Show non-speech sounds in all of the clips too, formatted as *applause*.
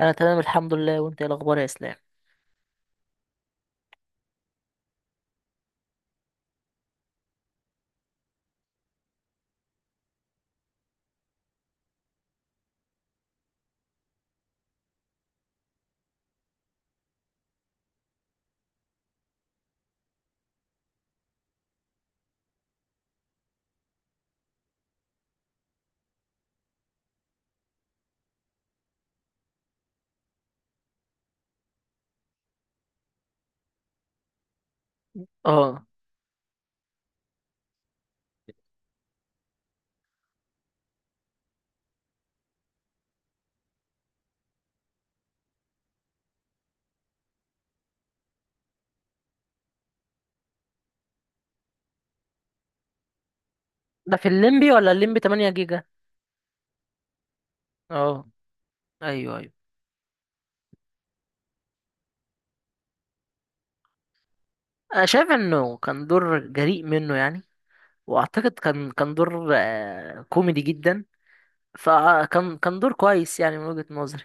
انا تمام الحمد لله، وانت ايه الاخبار يا اسلام؟ اه، ده في الليمبي ولا الليمبي 8 جيجا؟ اه، ايوه، ايوه. انا شايف انه كان دور جريء منه، يعني. واعتقد كان دور كوميدي جدا. فكان دور كويس، يعني، من وجهة نظري.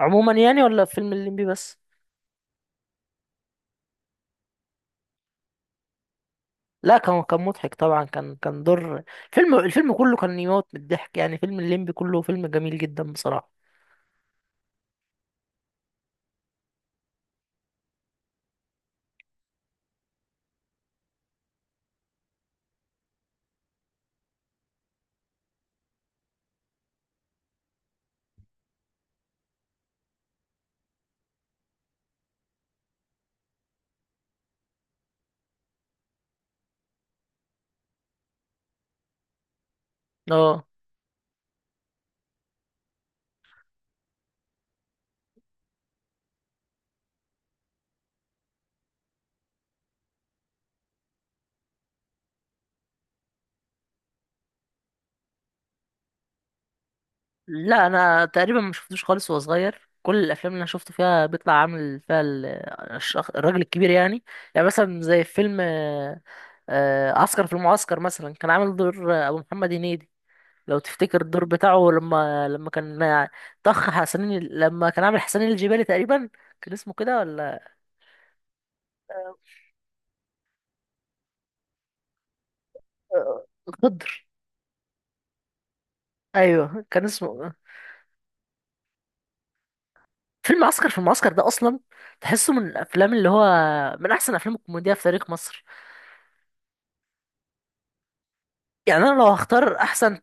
عموما، يعني، ولا في فيلم الليمبي بس. لا، كان مضحك طبعا، كان دور. الفيلم كله كان يموت من الضحك، يعني فيلم الليمبي كله فيلم جميل جدا بصراحة. اه. لا، انا تقريبا ما شفتوش خالص وهو صغير. كل الافلام اللي انا شفته فيها بيطلع عامل فيها الراجل الكبير، يعني. يعني مثلا زي فيلم عسكر في المعسكر، مثلا، كان عامل دور ابو محمد هنيدي. لو تفتكر الدور بتاعه، لما كان لما كان عامل حسنين الجبالي تقريبا. كان اسمه كده، ولا آه، غدر ايوه، كان اسمه. فيلم عسكر في المعسكر ده، اصلا، تحسه من الافلام اللي هو من احسن افلام الكوميديا في تاريخ مصر. يعني انا لو هختار احسن،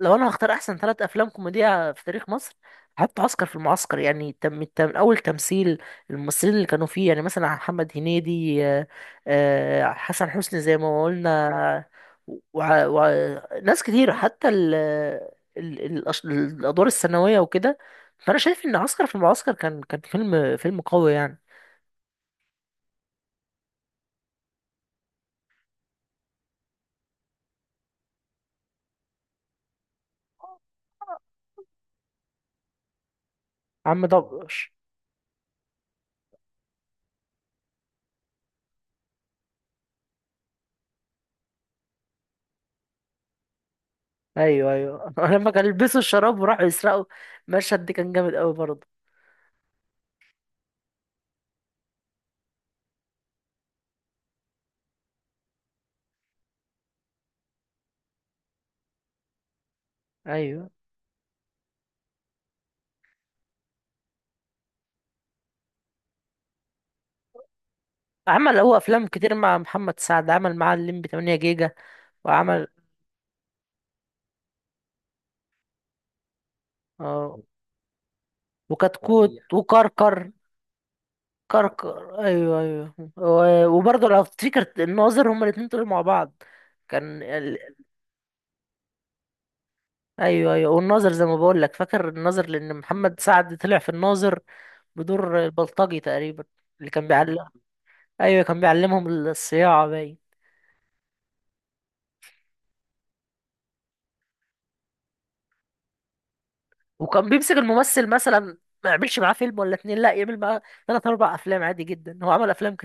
لو انا هختار احسن ثلاث افلام كوميديا في تاريخ مصر. حتى عسكر في المعسكر، يعني، تم اول تمثيل. الممثلين اللي كانوا فيه، يعني مثلا محمد هنيدي، حسن حسني زي ما قلنا، وناس كتير، حتى الادوار الثانويه وكده. فانا شايف ان عسكر في المعسكر كان فيلم قوي، يعني. عم دبش. ايوه، ايوه، *laughs* لما كان يلبسوا الشراب وراحوا يسرقوا. المشهد ده كان جامد قوي برضه. ايوه. عمل هو افلام كتير مع محمد سعد، عمل معاه الليمبي 8 جيجا، وعمل، اه وكتكوت فظيع، وكركر. كركر، ايوه، ايوه، وبرضه لو تفتكر الناظر، هما الاتنين طلعوا مع بعض. كان ال... ايوه ايوه. والناظر، زي ما بقول لك، فاكر الناظر؟ لان محمد سعد طلع في الناظر بدور البلطجي تقريبا، اللي كان بيعلم. ايوه، كان بيعلمهم الصياعه، باين. وكان بيمسك الممثل مثلا، ما يعملش معاه فيلم ولا اتنين، لا، يعمل معاه تلات اربع افلام عادي جدا. هو عمل افلام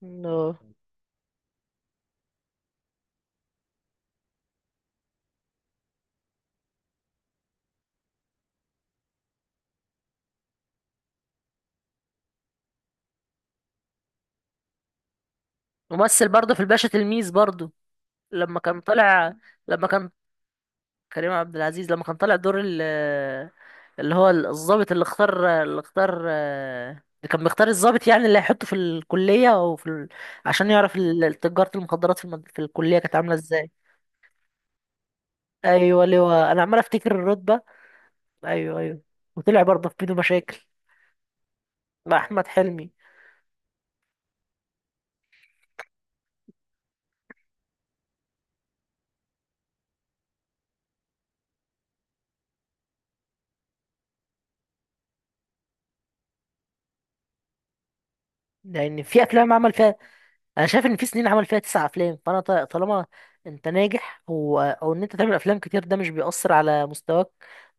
كتير. ممثل برضه في الباشا تلميذ، برضه لما كان طالع، لما كان كريم عبد العزيز لما كان طالع دور اللي هو الضابط، اللي اختار اللي كان بيختار الضابط، يعني، اللي هيحطه في الكلية او في عشان يعرف تجارة المخدرات في في الكلية كانت عاملة ازاي. ايوه، لواء، انا عمال افتكر الرتبة. ايوه، ايوه. وطلع برضه في بينه مشاكل مع احمد حلمي. لان في افلام عمل فيها، انا شايف ان في سنين عمل فيها تسع افلام. فانا طالما انت ناجح، او ان انت تعمل افلام كتير، ده مش بيأثر على مستواك.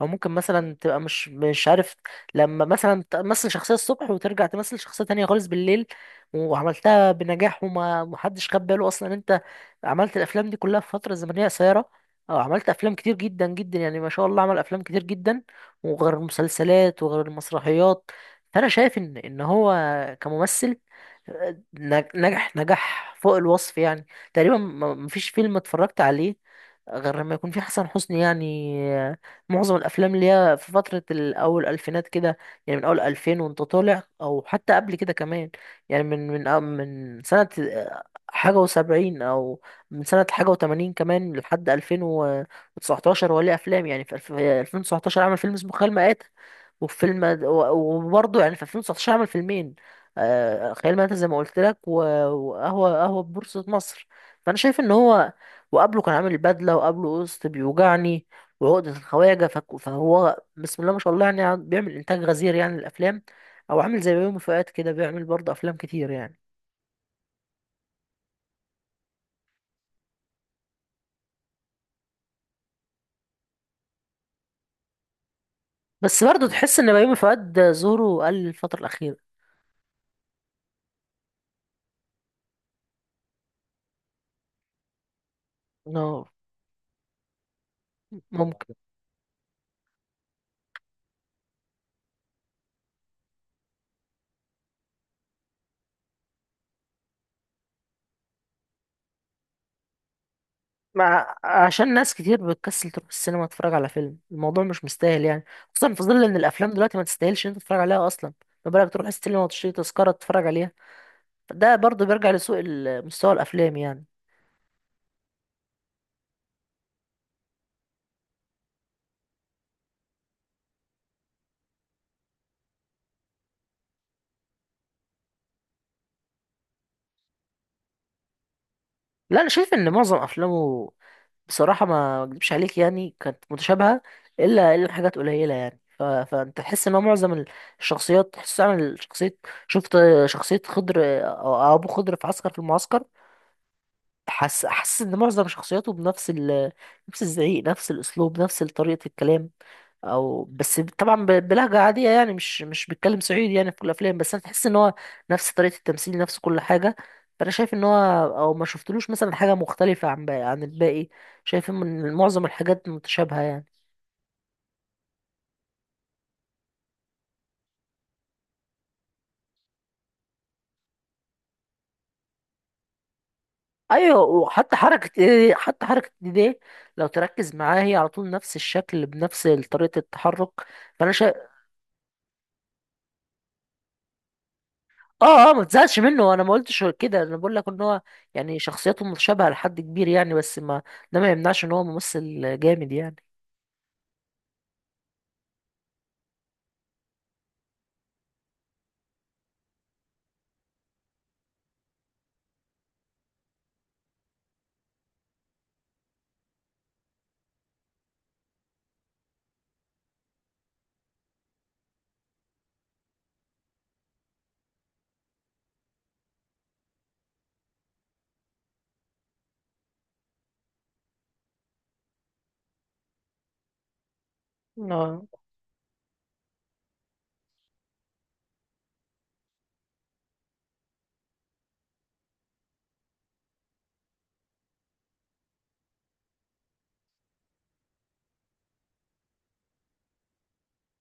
او ممكن، مثلا، تبقى مش عارف. لما مثلا تمثل شخصية الصبح وترجع تمثل شخصية تانية خالص بالليل، وعملتها بنجاح، وما محدش خد باله اصلا إن انت عملت الافلام دي كلها في فترة زمنية قصيرة، او عملت افلام كتير جدا جدا، يعني ما شاء الله، عمل افلام كتير جدا، وغير المسلسلات وغير المسرحيات. فانا شايف ان هو كممثل نجح فوق الوصف، يعني. تقريبا مفيش فيلم اتفرجت عليه غير لما يكون في حسن حسني، يعني معظم الافلام اللي هي في فتره الاول الفينات كده، يعني من اول 2000 وانت طالع او حتى قبل كده كمان. يعني من من سنه حاجه و70، او من سنه حاجه و80 كمان لحد 2019 وليه افلام. يعني في 2019 عمل فيلم اسمه خيال مآتة وفيلم، وبرضه يعني في 2019 عمل فيلمين. خيال مآتة زي ما قلت لك، وقهوه بورصه مصر. فانا شايف ان هو، وقبله كان عامل بدلة، وقبله قسط بيوجعني وعقدة الخواجة. فهو بسم الله ما شاء الله، يعني، بيعمل إنتاج غزير يعني للأفلام، أو عامل زي بيومي فؤاد كده، بيعمل برضه أفلام كتير، يعني. بس برضه تحس إن بيومي فؤاد ظهوره قل الفترة الأخيرة. اه، ممكن. عشان ناس كتير بتكسل تروح السينما تتفرج على فيلم، الموضوع مش مستاهل، يعني. خصوصا في ظل إن الأفلام دلوقتي ما تستاهلش إن أنت تتفرج عليها أصلا، ما بالك تروح السينما وتشتري تذكرة تتفرج عليها. فده برضه بيرجع لسوء مستوى الأفلام، يعني. لا، انا شايف ان معظم افلامه، بصراحه ما اكدبش عليك، يعني كانت متشابهه، الا حاجات قليله، يعني. فانت تحس ان هو معظم الشخصيات تحس عامل شخصيه. شفت شخصيه خضر، او ابو خضر، في عسكر في المعسكر. حس ان معظم شخصياته بنفس نفس الزعيق، نفس الاسلوب، نفس طريقه الكلام، او بس طبعا بلهجه عاديه، يعني، مش بيتكلم صعيدي يعني في كل الافلام، بس انا تحس ان هو نفس طريقه التمثيل، نفس كل حاجه. فانا شايف ان هو، او ما شفتلوش مثلا حاجه مختلفه عن باقي عن الباقي شايف ان معظم الحاجات متشابهه، يعني. ايوه، وحتى حركه ايه حتى حركه ايديه، لو تركز معاه، هي على طول نفس الشكل بنفس طريقه التحرك. فانا شايف، اه، اه، ما تزهقش منه. انا ما قلتش كده. انا بقول لك ان هو، يعني، شخصيته متشابهه لحد كبير، يعني، بس ما، ده ما يمنعش ان هو ممثل جامد، يعني. آه.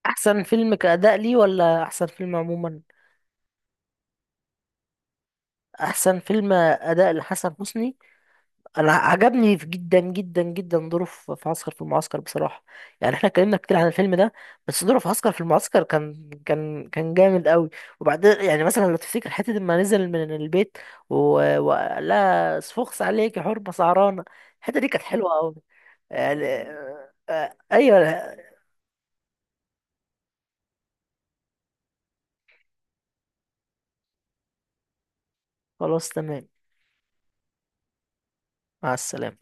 احسن فيلم كأداء ليه ولا احسن فيلم عموما؟ احسن فيلم أداء لحسن حسني. انا عجبني جدا جدا جدا دوره في عسكر في المعسكر، بصراحة. يعني احنا اتكلمنا كتير عن الفيلم ده، بس دوره في عسكر في المعسكر كان جامد قوي. وبعدين يعني، مثلا، لو تفتكر حتة لما نزل من البيت و... وقال لها: صفوخس عليك يا حرمة سعرانة. الحتة دي كانت حلوة قوي، يعني. ايوه خلاص، تمام. مع السلامة.